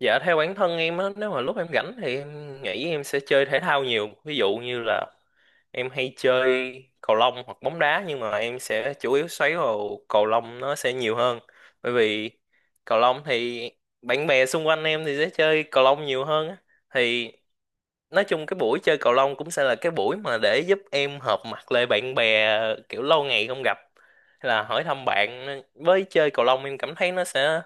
Dạ theo bản thân em á, nếu mà lúc em rảnh thì em nghĩ em sẽ chơi thể thao nhiều. Ví dụ như là em hay chơi cầu lông hoặc bóng đá, nhưng mà em sẽ chủ yếu xoáy vào cầu lông, nó sẽ nhiều hơn. Bởi vì cầu lông thì bạn bè xung quanh em thì sẽ chơi cầu lông nhiều hơn á. Thì nói chung cái buổi chơi cầu lông cũng sẽ là cái buổi mà để giúp em hợp mặt lại bạn bè kiểu lâu ngày không gặp. Hay là hỏi thăm bạn, với chơi cầu lông em cảm thấy nó sẽ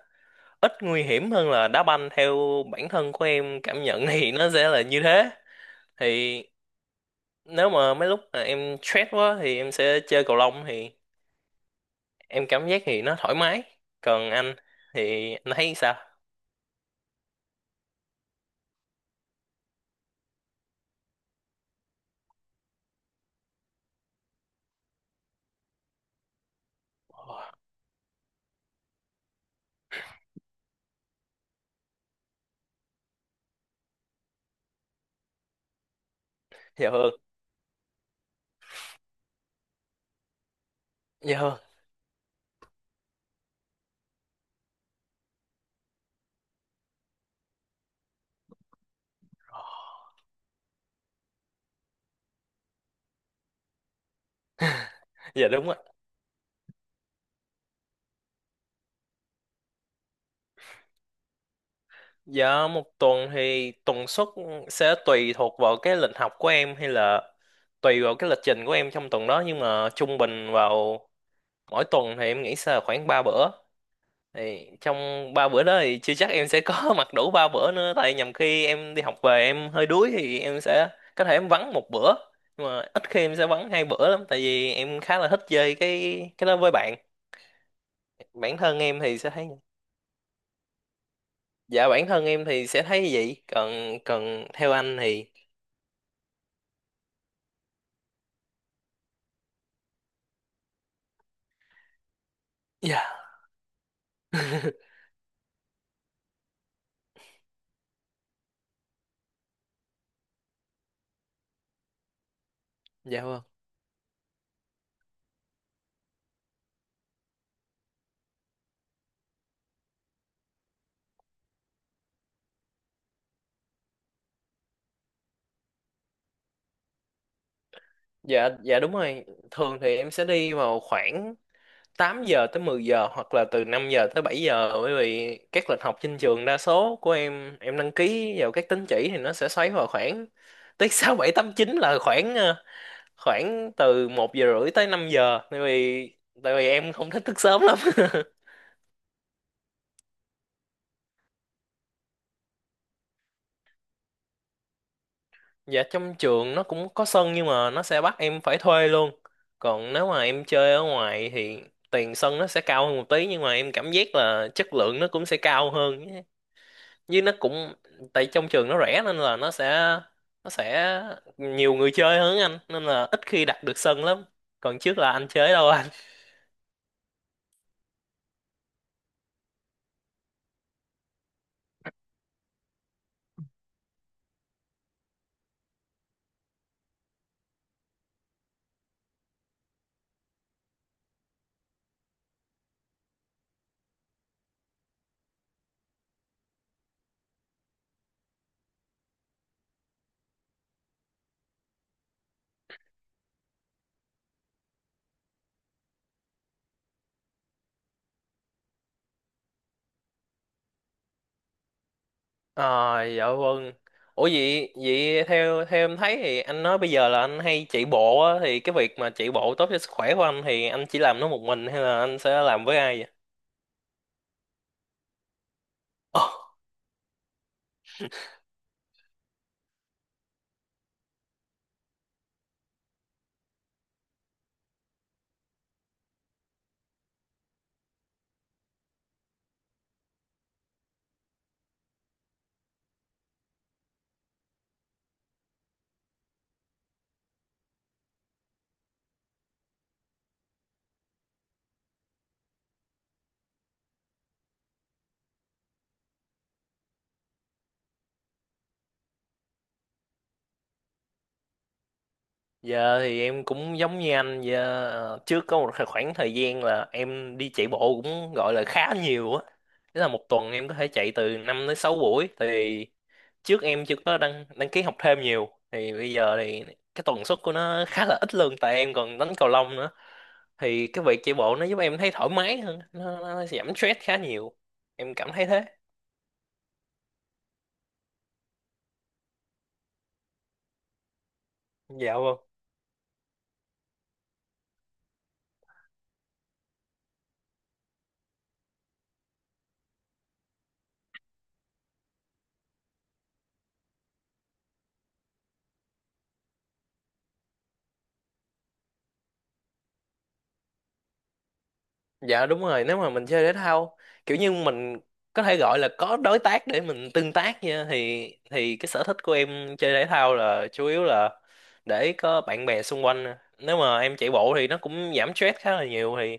ít nguy hiểm hơn là đá banh, theo bản thân của em cảm nhận thì nó sẽ là như thế. Thì nếu mà mấy lúc mà em stress quá thì em sẽ chơi cầu lông, thì em cảm giác thì nó thoải mái. Còn anh thì anh thấy sao? Dạ hơn, dạ hơn. Dạ đúng ạ. Dạ một tuần thì tần suất sẽ tùy thuộc vào cái lịch học của em, hay là tùy vào cái lịch trình của em trong tuần đó, nhưng mà trung bình vào mỗi tuần thì em nghĩ sẽ là khoảng 3 bữa. Thì trong ba bữa đó thì chưa chắc em sẽ có mặc đủ ba bữa nữa, tại nhầm khi em đi học về em hơi đuối thì em sẽ có thể em vắng một bữa, nhưng mà ít khi em sẽ vắng hai bữa lắm tại vì em khá là thích chơi cái đó với bạn. Bản thân em thì sẽ thấy. Dạ bản thân em thì sẽ thấy như vậy, còn còn theo anh thì? Dạ. Dạ vâng. Dạ dạ đúng rồi, thường thì em sẽ đi vào khoảng 8 giờ tới 10 giờ, hoặc là từ 5 giờ tới 7 giờ, bởi vì các lịch học trên trường đa số của em đăng ký vào các tín chỉ thì nó sẽ xoáy vào khoảng tới 6 7 8 chín, là khoảng khoảng từ một giờ rưỡi tới 5 giờ, tại vì em không thích thức sớm lắm. Dạ trong trường nó cũng có sân, nhưng mà nó sẽ bắt em phải thuê luôn. Còn nếu mà em chơi ở ngoài thì tiền sân nó sẽ cao hơn một tí, nhưng mà em cảm giác là chất lượng nó cũng sẽ cao hơn. Với nó cũng tại trong trường nó rẻ nên là nó sẽ nhiều người chơi hơn anh, nên là ít khi đặt được sân lắm. Còn trước là anh chơi đâu anh? Ờ dạ vâng. Ủa vậy vậy theo theo em thấy thì anh nói bây giờ là anh hay chạy bộ á, thì cái việc mà chạy bộ tốt cho sức khỏe của anh, thì anh chỉ làm nó một mình hay là anh sẽ làm với ai vậy? Giờ thì em cũng giống như anh giờ trước có một khoảng thời gian là em đi chạy bộ cũng gọi là khá nhiều á. Tức là một tuần em có thể chạy từ 5 tới 6 buổi. Thì trước em chưa có đăng đăng ký học thêm nhiều, thì bây giờ thì cái tần suất của nó khá là ít luôn, tại em còn đánh cầu lông nữa. Thì cái việc chạy bộ nó giúp em thấy thoải mái hơn, nó giảm stress khá nhiều. Em cảm thấy thế. Dạ vâng. Dạ đúng rồi, nếu mà mình chơi thể thao kiểu như mình có thể gọi là có đối tác để mình tương tác nha, thì cái sở thích của em chơi thể thao là chủ yếu là để có bạn bè xung quanh nè. Nếu mà em chạy bộ thì nó cũng giảm stress khá là nhiều, thì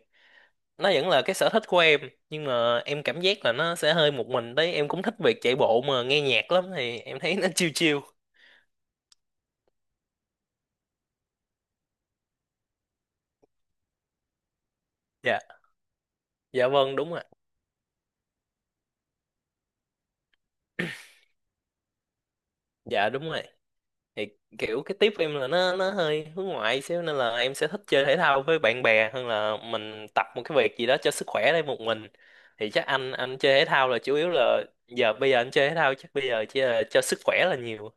nó vẫn là cái sở thích của em, nhưng mà em cảm giác là nó sẽ hơi một mình đấy, em cũng thích việc chạy bộ mà nghe nhạc lắm thì em thấy nó chill chill. Dạ. Dạ vâng đúng rồi. Dạ đúng rồi. Thì kiểu cái tiếp em là nó hơi hướng ngoại xíu nên là em sẽ thích chơi thể thao với bạn bè hơn là mình tập một cái việc gì đó cho sức khỏe đây một mình. Thì chắc anh chơi thể thao là chủ yếu là giờ, bây giờ anh chơi thể thao chắc bây giờ chỉ là cho sức khỏe là nhiều.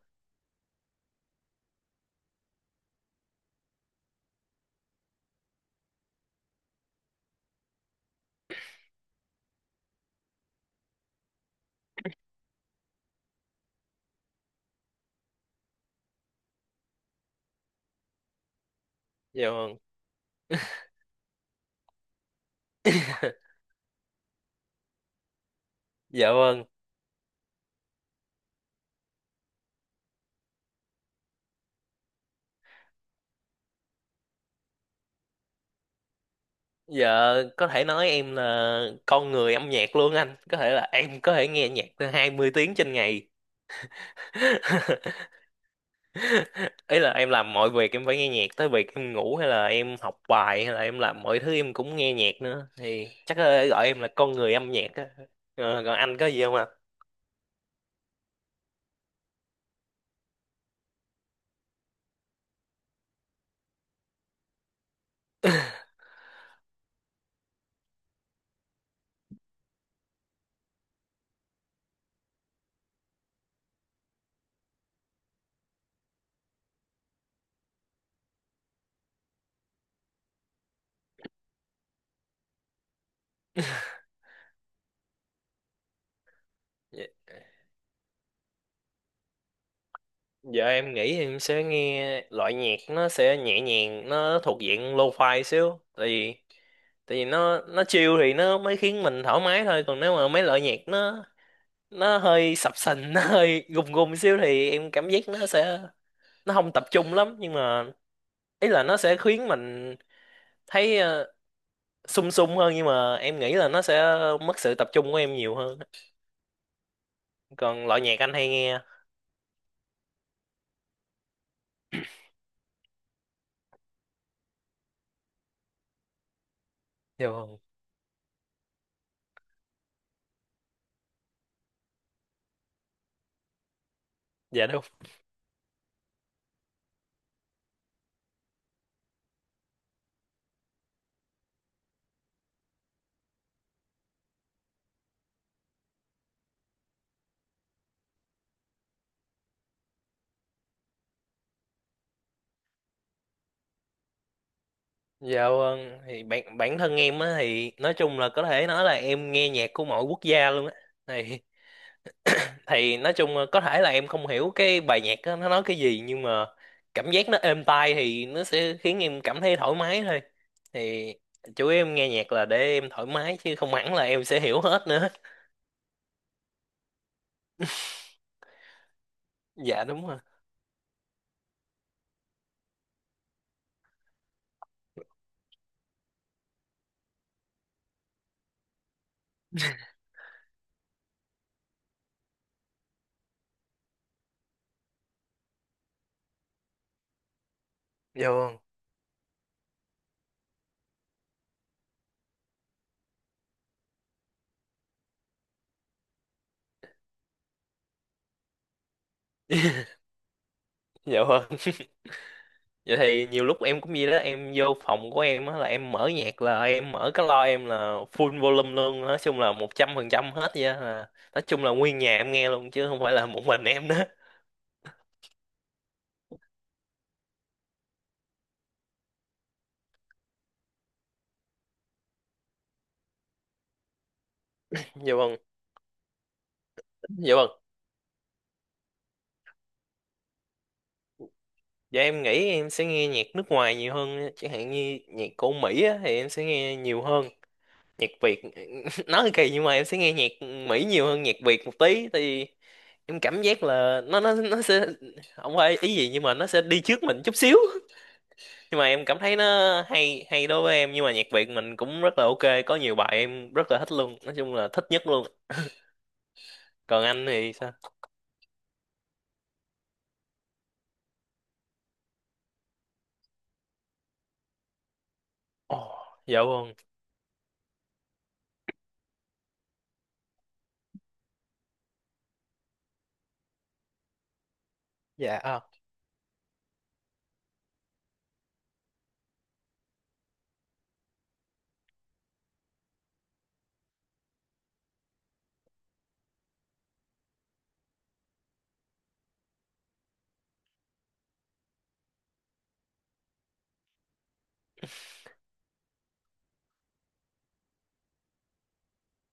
Dạ vâng. Dạ vâng. Dạ có thể nói em là con người âm nhạc luôn anh, có thể là em có thể nghe nhạc tới 20 tiếng trên ngày. Ý là em làm mọi việc em phải nghe nhạc, tới việc em ngủ hay là em học bài hay là em làm mọi thứ em cũng nghe nhạc nữa, thì chắc là gọi em là con người âm nhạc á. Ờ, còn anh có gì không ạ? Dạ- Giờ em nghĩ em sẽ nghe loại nhạc nó sẽ nhẹ nhàng, nó thuộc diện lo-fi xíu. Tại vì nó chill thì nó mới khiến mình thoải mái thôi, còn nếu mà mấy loại nhạc nó hơi sập sình, nó hơi gùng gùng xíu thì em cảm giác nó sẽ nó không tập trung lắm, nhưng mà ý là nó sẽ khiến mình thấy sung sung hơn, nhưng mà em nghĩ là nó sẽ mất sự tập trung của em nhiều hơn. Còn loại nhạc anh hay nghe? Dạ vâng. Dạ đúng. Dạ vâng. Thì bản bản thân em á thì nói chung là có thể nói là em nghe nhạc của mọi quốc gia luôn á. thì thì nói chung là có thể là em không hiểu cái bài nhạc á, nó nói cái gì, nhưng mà cảm giác nó êm tai thì nó sẽ khiến em cảm thấy thoải mái thôi. Thì chủ yếu em nghe nhạc là để em thoải mái chứ không hẳn là em sẽ hiểu hết nữa. Dạ đúng rồi. Dạ vâng, dạ vâng. Vậy thì nhiều lúc em cũng vậy đó, em vô phòng của em á là em mở nhạc là em mở cái loa em là full volume luôn, nói chung là 100% hết vậy á, là nói chung là nguyên nhà em nghe luôn chứ không phải là một mình em đó. Dạ vâng, dạ vâng. Dạ em nghĩ em sẽ nghe nhạc nước ngoài nhiều hơn á. Chẳng hạn như nhạc của Mỹ á thì em sẽ nghe nhiều hơn. Nhạc Việt nói thì kỳ nhưng mà em sẽ nghe nhạc Mỹ nhiều hơn nhạc Việt một tí, thì em cảm giác là nó sẽ không phải ý gì nhưng mà nó sẽ đi trước mình chút xíu, nhưng mà em cảm thấy nó hay hay đối với em, nhưng mà nhạc Việt mình cũng rất là ok, có nhiều bài em rất là thích luôn, nói chung là thích nhất luôn. Còn anh thì sao? Ồ dạ vâng. Dạ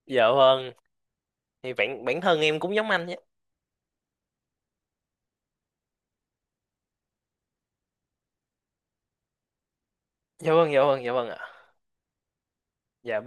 dạ vâng. Thì bản bản thân em cũng giống anh nhé. Dạ vâng, dạ vâng, dạ vâng ạ. Dạ.